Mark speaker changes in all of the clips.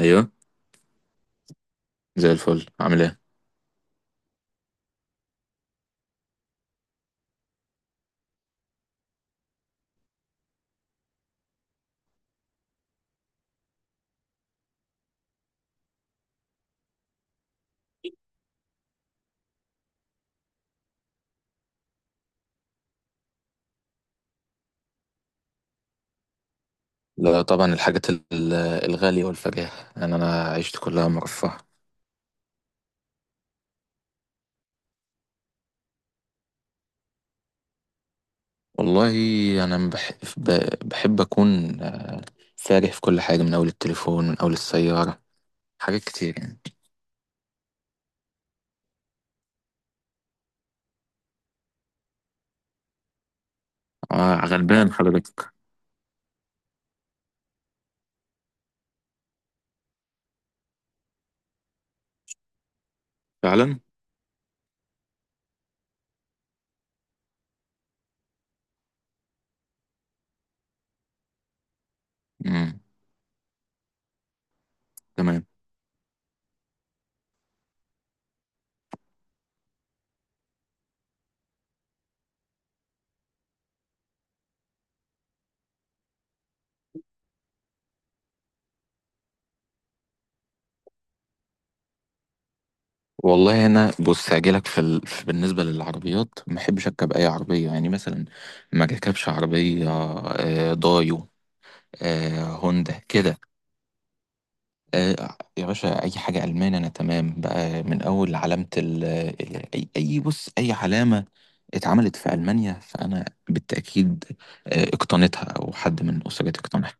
Speaker 1: ايوه. زي الفل، عامل ايه؟ لا طبعا الحاجات الغالية والفجاهة، يعني انا عشت كلها مرفهة. والله انا بحب اكون فارح في كل حاجة، من اول التليفون من اول السيارة، حاجات كتير يعني. آه غلبان حضرتك فعلا. امم. تمام. والله انا بص هجيلك في بالنسبة للعربيات، ما بحبش اركب اي عربية يعني. مثلا ما اركبش عربية دايو، هوندا كده. يا باشا اي حاجه المان انا تمام بقى. من اول علامه بص اي علامه اتعملت في المانيا، فانا بالتاكيد اقتنيتها او حد من اسرتي اقتنعها.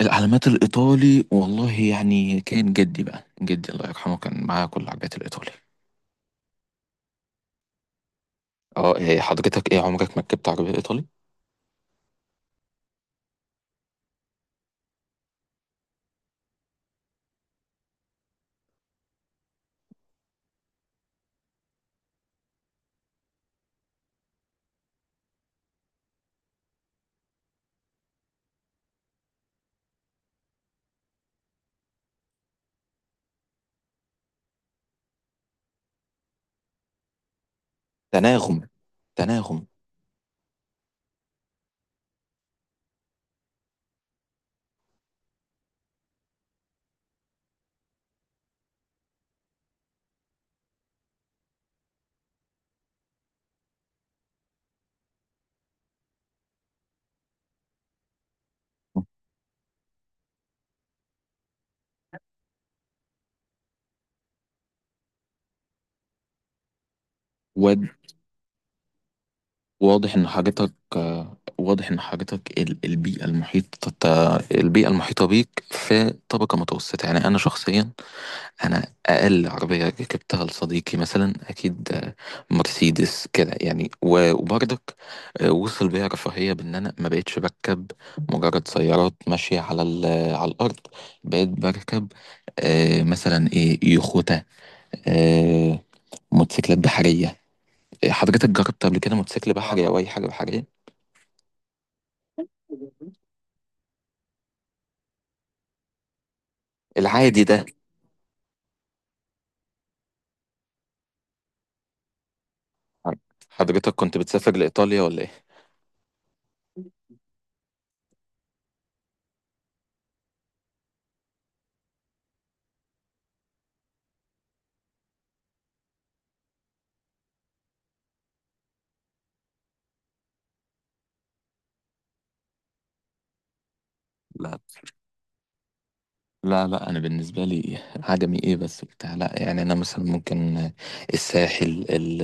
Speaker 1: العلامات الايطالي والله يعني، كان جدي بقى، جدي الله يرحمه، كان معاه كل العربيات الايطالي. اه حضرتك ايه عمرك ما ركبت عربيه ايطالي؟ تناغم. تناغم. واضح ان حاجتك، البيئة المحيطة، البيئة المحيطة بيك في طبقة متوسطة. يعني انا شخصيا انا اقل عربية ركبتها لصديقي مثلا اكيد مرسيدس كده يعني. وبرضك وصل بيا رفاهية بان انا ما بقتش بركب مجرد سيارات ماشية على على الارض. بقيت بركب مثلا ايه، يخوتة، آه، موتوسيكلات بحرية. حضرتك جربت قبل كده موتوسيكل بحري او اي حاجة بحرية؟ العادي ده. حضرتك كنت بتسافر لإيطاليا ولا إيه؟ لا. لا. لا أنا بالنسبة لي، عجمي إيه بس بتاع؟ لا يعني. أنا مثلا ممكن الساحل ال-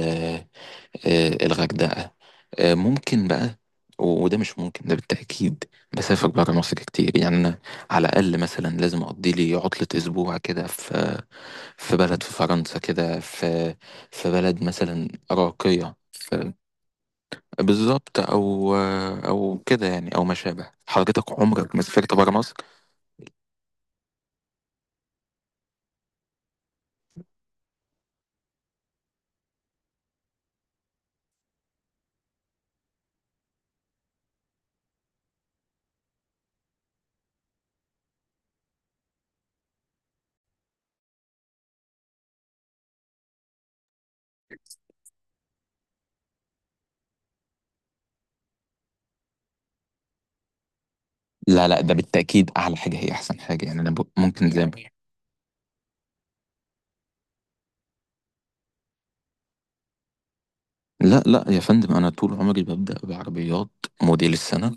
Speaker 1: الغردقة ممكن بقى. وده مش ممكن، ده بالتأكيد بسافر برا مصر كتير يعني. أنا على الأقل مثلا لازم أقضي لي عطلة أسبوع كده في في بلد، في فرنسا كده، في في بلد مثلا راقية. بالظبط، او او كده يعني، او ما شابه. حضرتك عمرك ما سافرت بره مصر؟ لا لا، ده بالتاكيد اعلى حاجه هي احسن حاجه. يعني انا ممكن زي لا لا يا فندم، انا طول عمري ببدا بعربيات موديل السنه.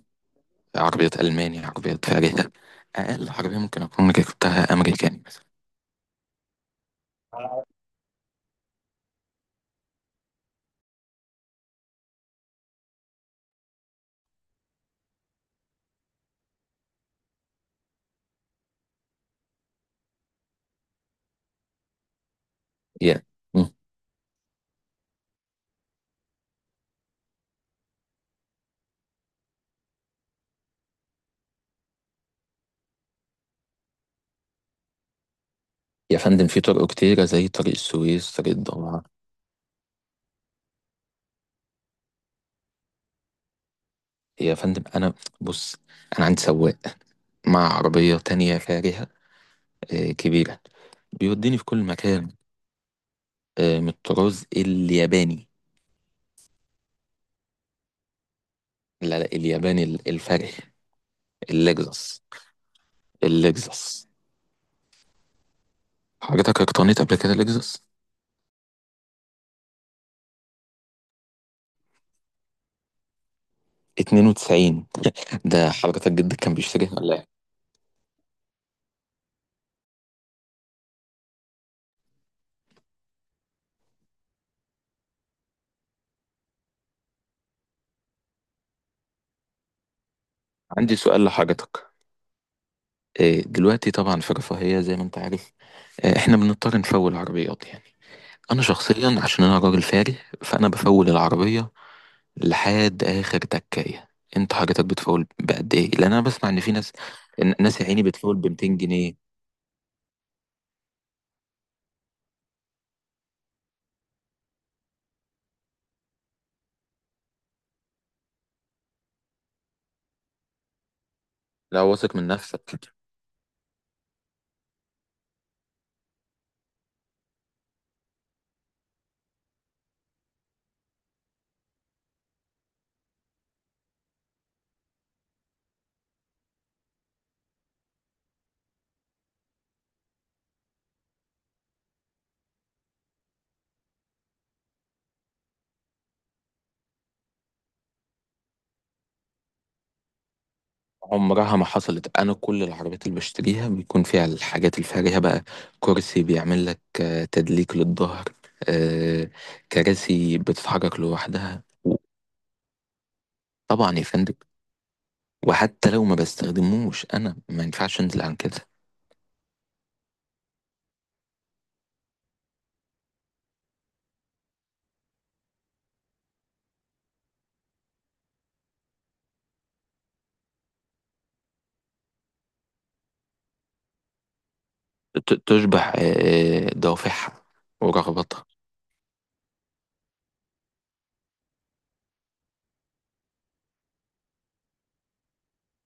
Speaker 1: عربيات الماني، عربيات فارهه. اقل عربيه ممكن اكون ركبتها امريكاني بس. يا م. يا فندم، في طرق كتيره زي طريق السويس، طريق الضبعه. يا فندم انا بص، انا عندي سواق مع عربيه تانية فارهه، كبيره، بيوديني في كل مكان. من الطراز الياباني. لا لا، الياباني الفرخ. اللكزس. اللكزس. حضرتك اقتنيت قبل كده لكزس 92؟ ده حضرتك جدك كان بيشتريها ولا ايه؟ عندي سؤال لحضرتك. دلوقتي طبعا في رفاهية، زي ما انت عارف احنا بنضطر نفول عربيات يعني. انا شخصيا عشان انا راجل فاري، فانا بفول العربية لحد اخر تكاية. انت حضرتك بتفول بقد ايه؟ لان انا بسمع ان في ناس، ناس يا عيني بتفول ب 200 جنيه. لا، واثق من نفسك. عمرها ما حصلت. انا كل العربيات اللي بشتريها بيكون فيها الحاجات الفارهة بقى. كرسي بيعمل لك تدليك للظهر، آه، كراسي بتتحرك لوحدها. طبعا يا فندم، وحتى لو ما بستخدموش انا ما ينفعش انزل عن كده. تشبع دوافعها ورغباتها.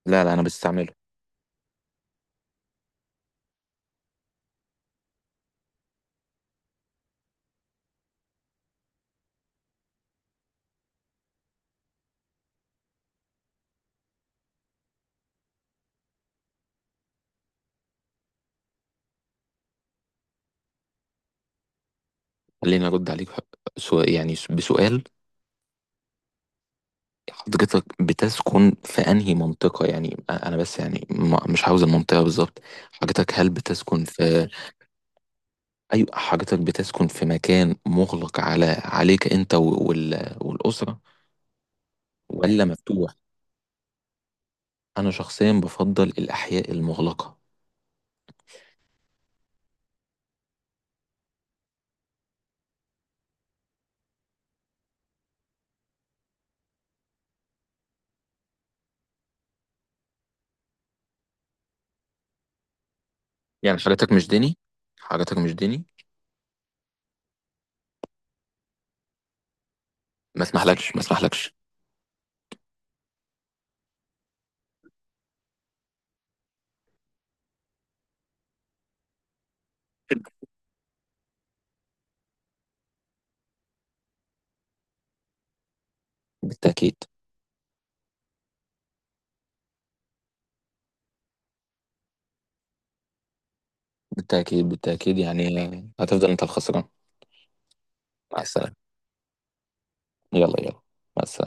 Speaker 1: لا لا، انا بستعمله. خليني ارد عليك يعني بسؤال. حضرتك بتسكن في انهي منطقة؟ يعني انا بس يعني مش عاوز المنطقة بالظبط. حضرتك هل بتسكن في، ايوه، حضرتك بتسكن في مكان مغلق على عليك انت والأسرة، ولا مفتوح؟ انا شخصيا بفضل الاحياء المغلقة. يعني حضرتك مش ديني؟ حضرتك مش ديني، ما اسمحلكش، ما اسمحلكش. بالتأكيد. بالتأكيد. بالتأكيد يعني هتفضل انت الخسران. مع السلامة. يلا يلا، مع السلامة.